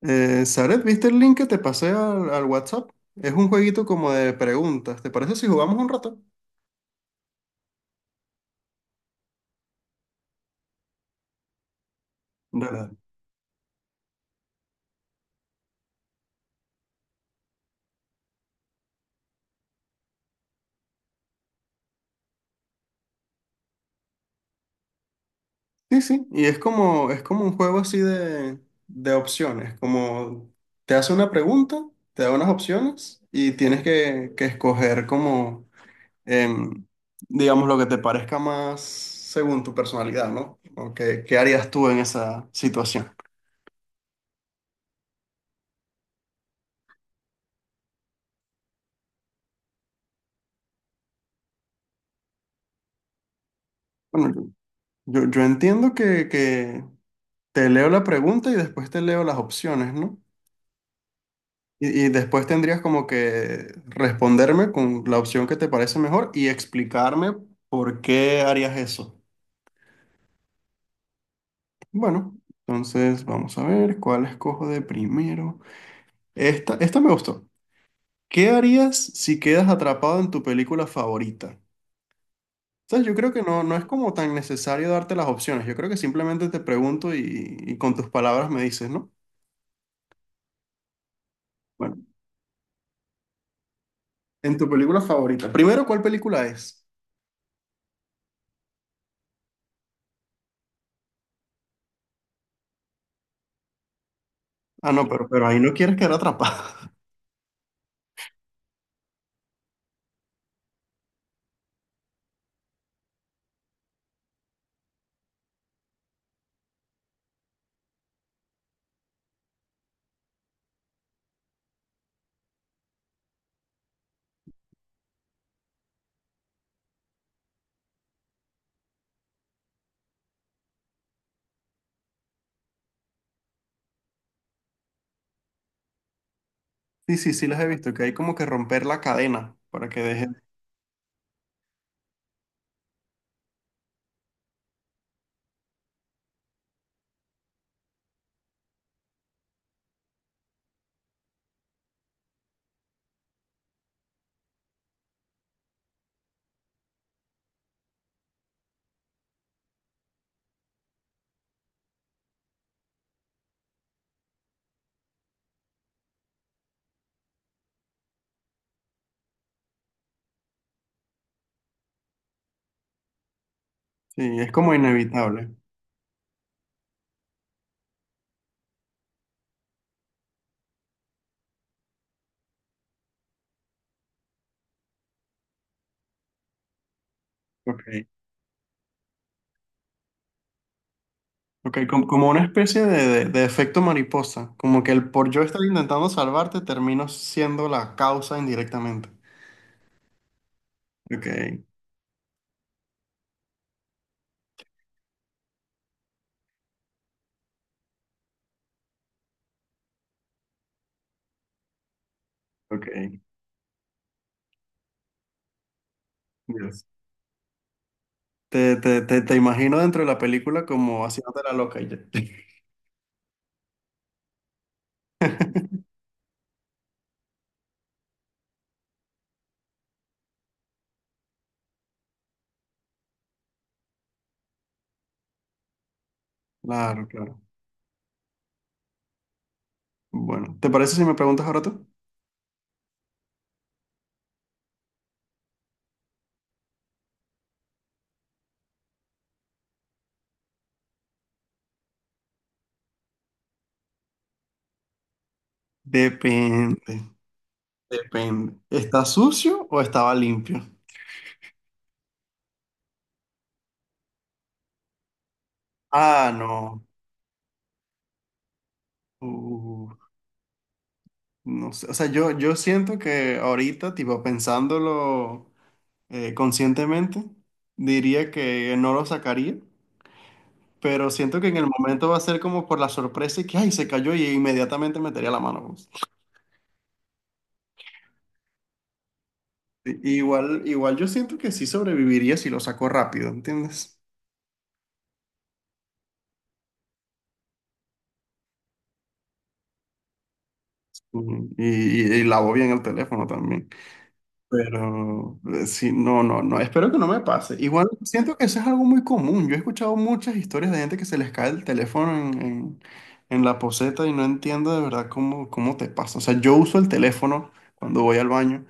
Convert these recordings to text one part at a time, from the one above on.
Zaret, ¿viste el link que te pasé al, al WhatsApp? Es un jueguito como de preguntas. ¿Te parece si jugamos un rato? Dale. Sí, sí. Y es como un juego así de opciones. Como te hace una pregunta, te da unas opciones y tienes que escoger como, em, digamos, lo que te parezca más según tu personalidad, ¿no? O qué, qué harías tú en esa situación. Bueno, yo entiendo que te leo la pregunta y después te leo las opciones, ¿no? Y después tendrías como que responderme con la opción que te parece mejor y explicarme por qué harías eso. Bueno, entonces vamos a ver cuál escojo de primero. Esta me gustó. ¿Qué harías si quedas atrapado en tu película favorita? O sea, yo creo que no, no es como tan necesario darte las opciones. Yo creo que simplemente te pregunto y con tus palabras me dices, ¿no? Bueno, en tu película favorita. Primero, ¿cuál película es? Ah, no, pero ahí no quieres quedar atrapado. Sí, sí, sí las he visto, que hay como que romper la cadena para que deje. Sí, es como inevitable. Ok. Ok, como una especie de, de efecto mariposa. Como que el por yo estar intentando salvarte termino siendo la causa indirectamente. Ok, ok. Dios. Te imagino dentro de la película como haciéndote la loca y ya. Claro, claro. Bueno, ¿te parece si me preguntas ahora tú? Depende, depende. ¿Está sucio o estaba limpio? Ah, no. Uh, No sé, o sea, yo siento que ahorita, tipo, pensándolo conscientemente, diría que no lo sacaría, pero siento que en el momento va a ser como por la sorpresa y que, ay, se cayó y inmediatamente metería la mano. Pues. Igual, igual yo siento que sí sobreviviría si lo saco rápido, ¿entiendes? Ujú. Y lavo bien el teléfono también. Pero sí, no, no, no, espero que no me pase. Igual siento que eso es algo muy común. Yo he escuchado muchas historias de gente que se les cae el teléfono en, en la poceta y no entiendo de verdad cómo, cómo te pasa. O sea, yo uso el teléfono cuando voy al baño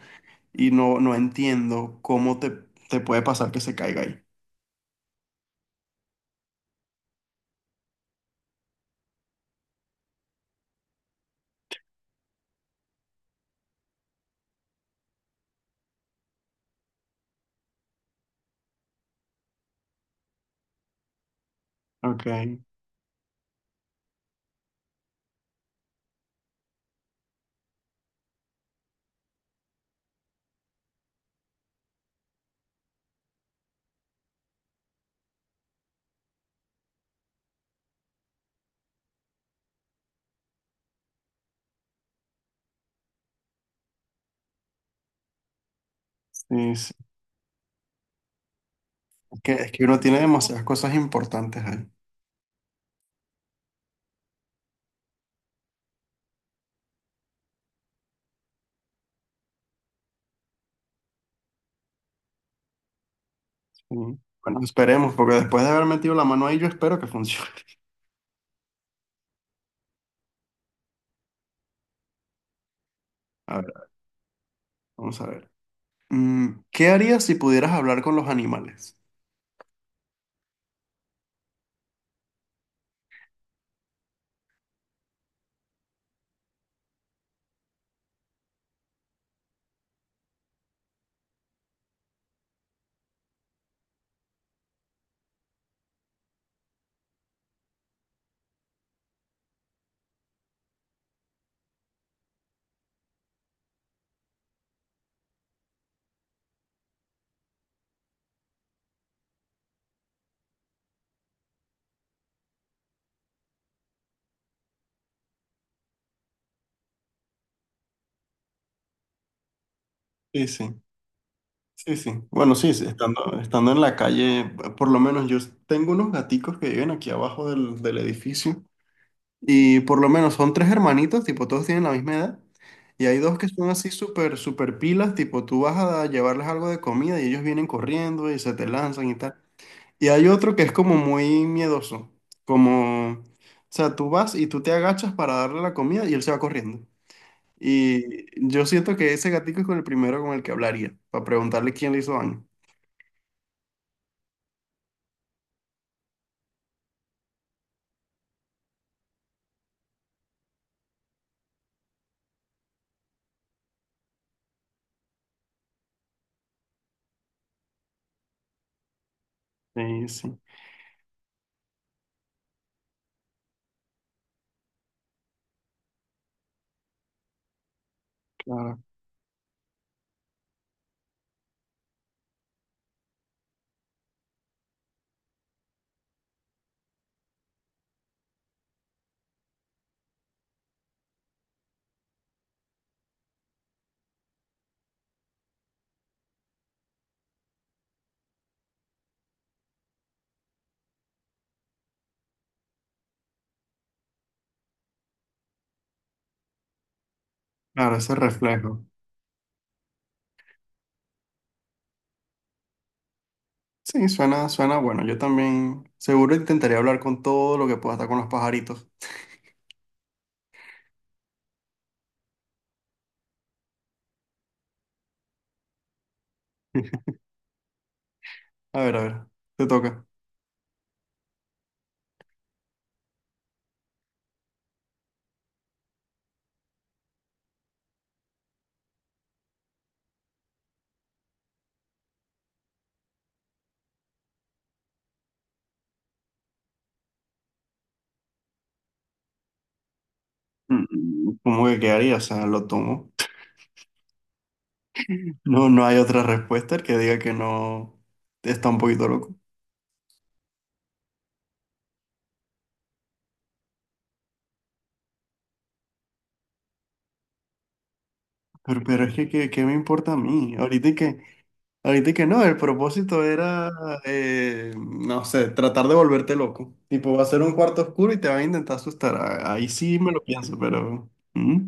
y no, no entiendo cómo te, te puede pasar que se caiga ahí. Ok, sí, sí. Es que uno tiene demasiadas cosas importantes ahí. Sí. Bueno, esperemos, porque después de haber metido la mano ahí, yo espero que funcione. A ver, vamos a ver. ¿Qué harías si pudieras hablar con los animales? Sí, sí, sí, sí. Bueno, sí, sí, estando, estando en la calle, por lo menos yo tengo unos gaticos que viven aquí abajo del, del edificio y por lo menos son tres hermanitos, tipo todos tienen la misma edad y hay dos que son así súper, súper pilas, tipo tú vas a llevarles algo de comida y ellos vienen corriendo y se te lanzan y tal. Y hay otro que es como muy miedoso, como, o sea, tú vas y tú te agachas para darle la comida y él se va corriendo. Y yo siento que ese gatico es con el primero con el que hablaría, para preguntarle quién le hizo daño. Sí, sí, claro. Claro, ese reflejo. Sí, suena, suena bueno. Yo también seguro intentaría hablar con todo lo que pueda estar con los pajaritos. A ver, te toca. ¿Cómo que quedaría? O sea, lo tomo. No, no hay otra respuesta el que diga que no está un poquito loco. Pero es que, ¿qué me importa a mí? Ahorita que ahorita que no, el propósito era, no sé, tratar de volverte loco. Tipo, va a ser un cuarto oscuro y te va a intentar asustar. Ahí sí me lo pienso, pero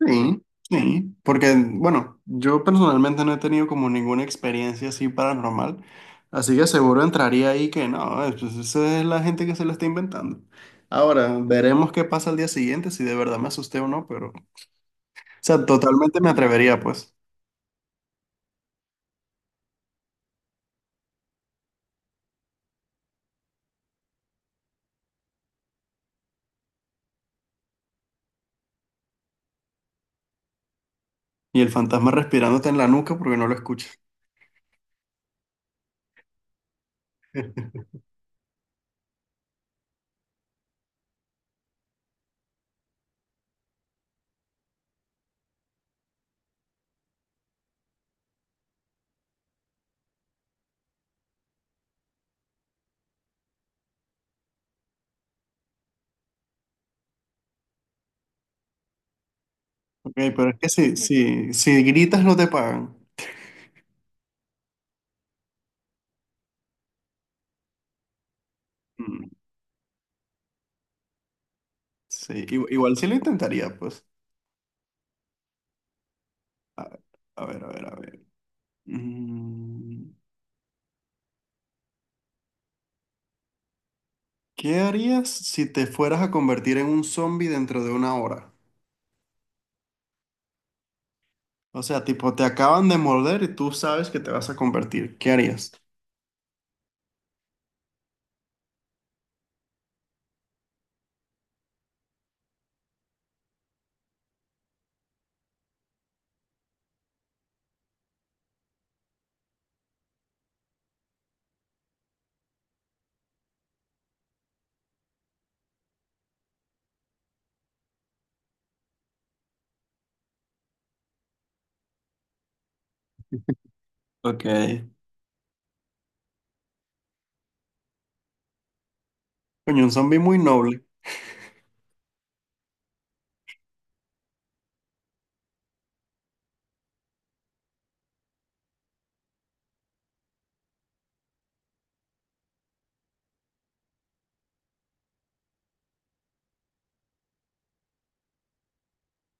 sí, sí. Porque, bueno, yo personalmente no he tenido como ninguna experiencia así paranormal. Así que seguro entraría ahí que no, pues esa es la gente que se lo está inventando. Ahora, veremos qué pasa al día siguiente, si de verdad me asusté o no, pero... O sea, totalmente me atrevería, pues. Y el fantasma respirándote en la nuca porque no lo escuchas. Ok, pero es que si, si, si gritas no te pagan. Mm, Sí, igual sí lo intentaría, pues. A, a ver, a ver, a ver. Mm, ¿Qué harías si te fueras a convertir en un zombie dentro de una hora? O sea, tipo, te acaban de morder y tú sabes que te vas a convertir. ¿Qué harías? Ok. Coño, un zombie muy noble.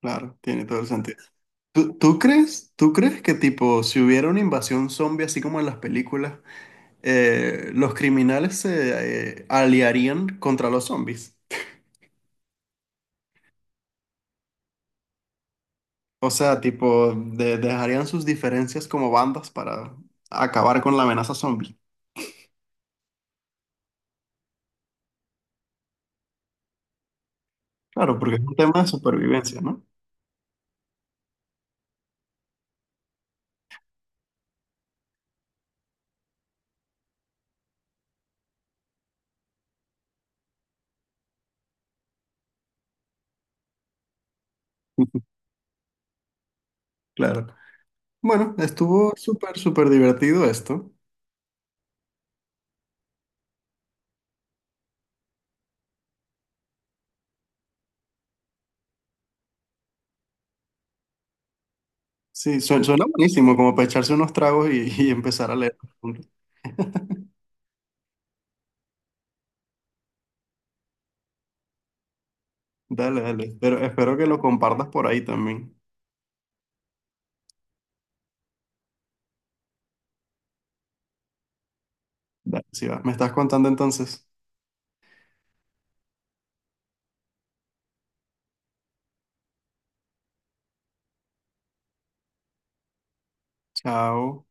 Claro, tiene todo el sentido. Tú crees, ¿tú crees que tipo, si hubiera una invasión zombie así como en las películas los criminales se aliarían contra los zombies? O sea, tipo, dejarían sus diferencias como bandas para acabar con la amenaza zombie. Claro, porque es un tema de supervivencia, ¿no? Claro. Bueno, estuvo súper, súper divertido esto. Sí, suena buenísimo, como para echarse unos tragos y, y empezar a leer. Dale, dale. Espero, espero que lo compartas por ahí también. Dale, sí va. Me estás contando entonces. Chao.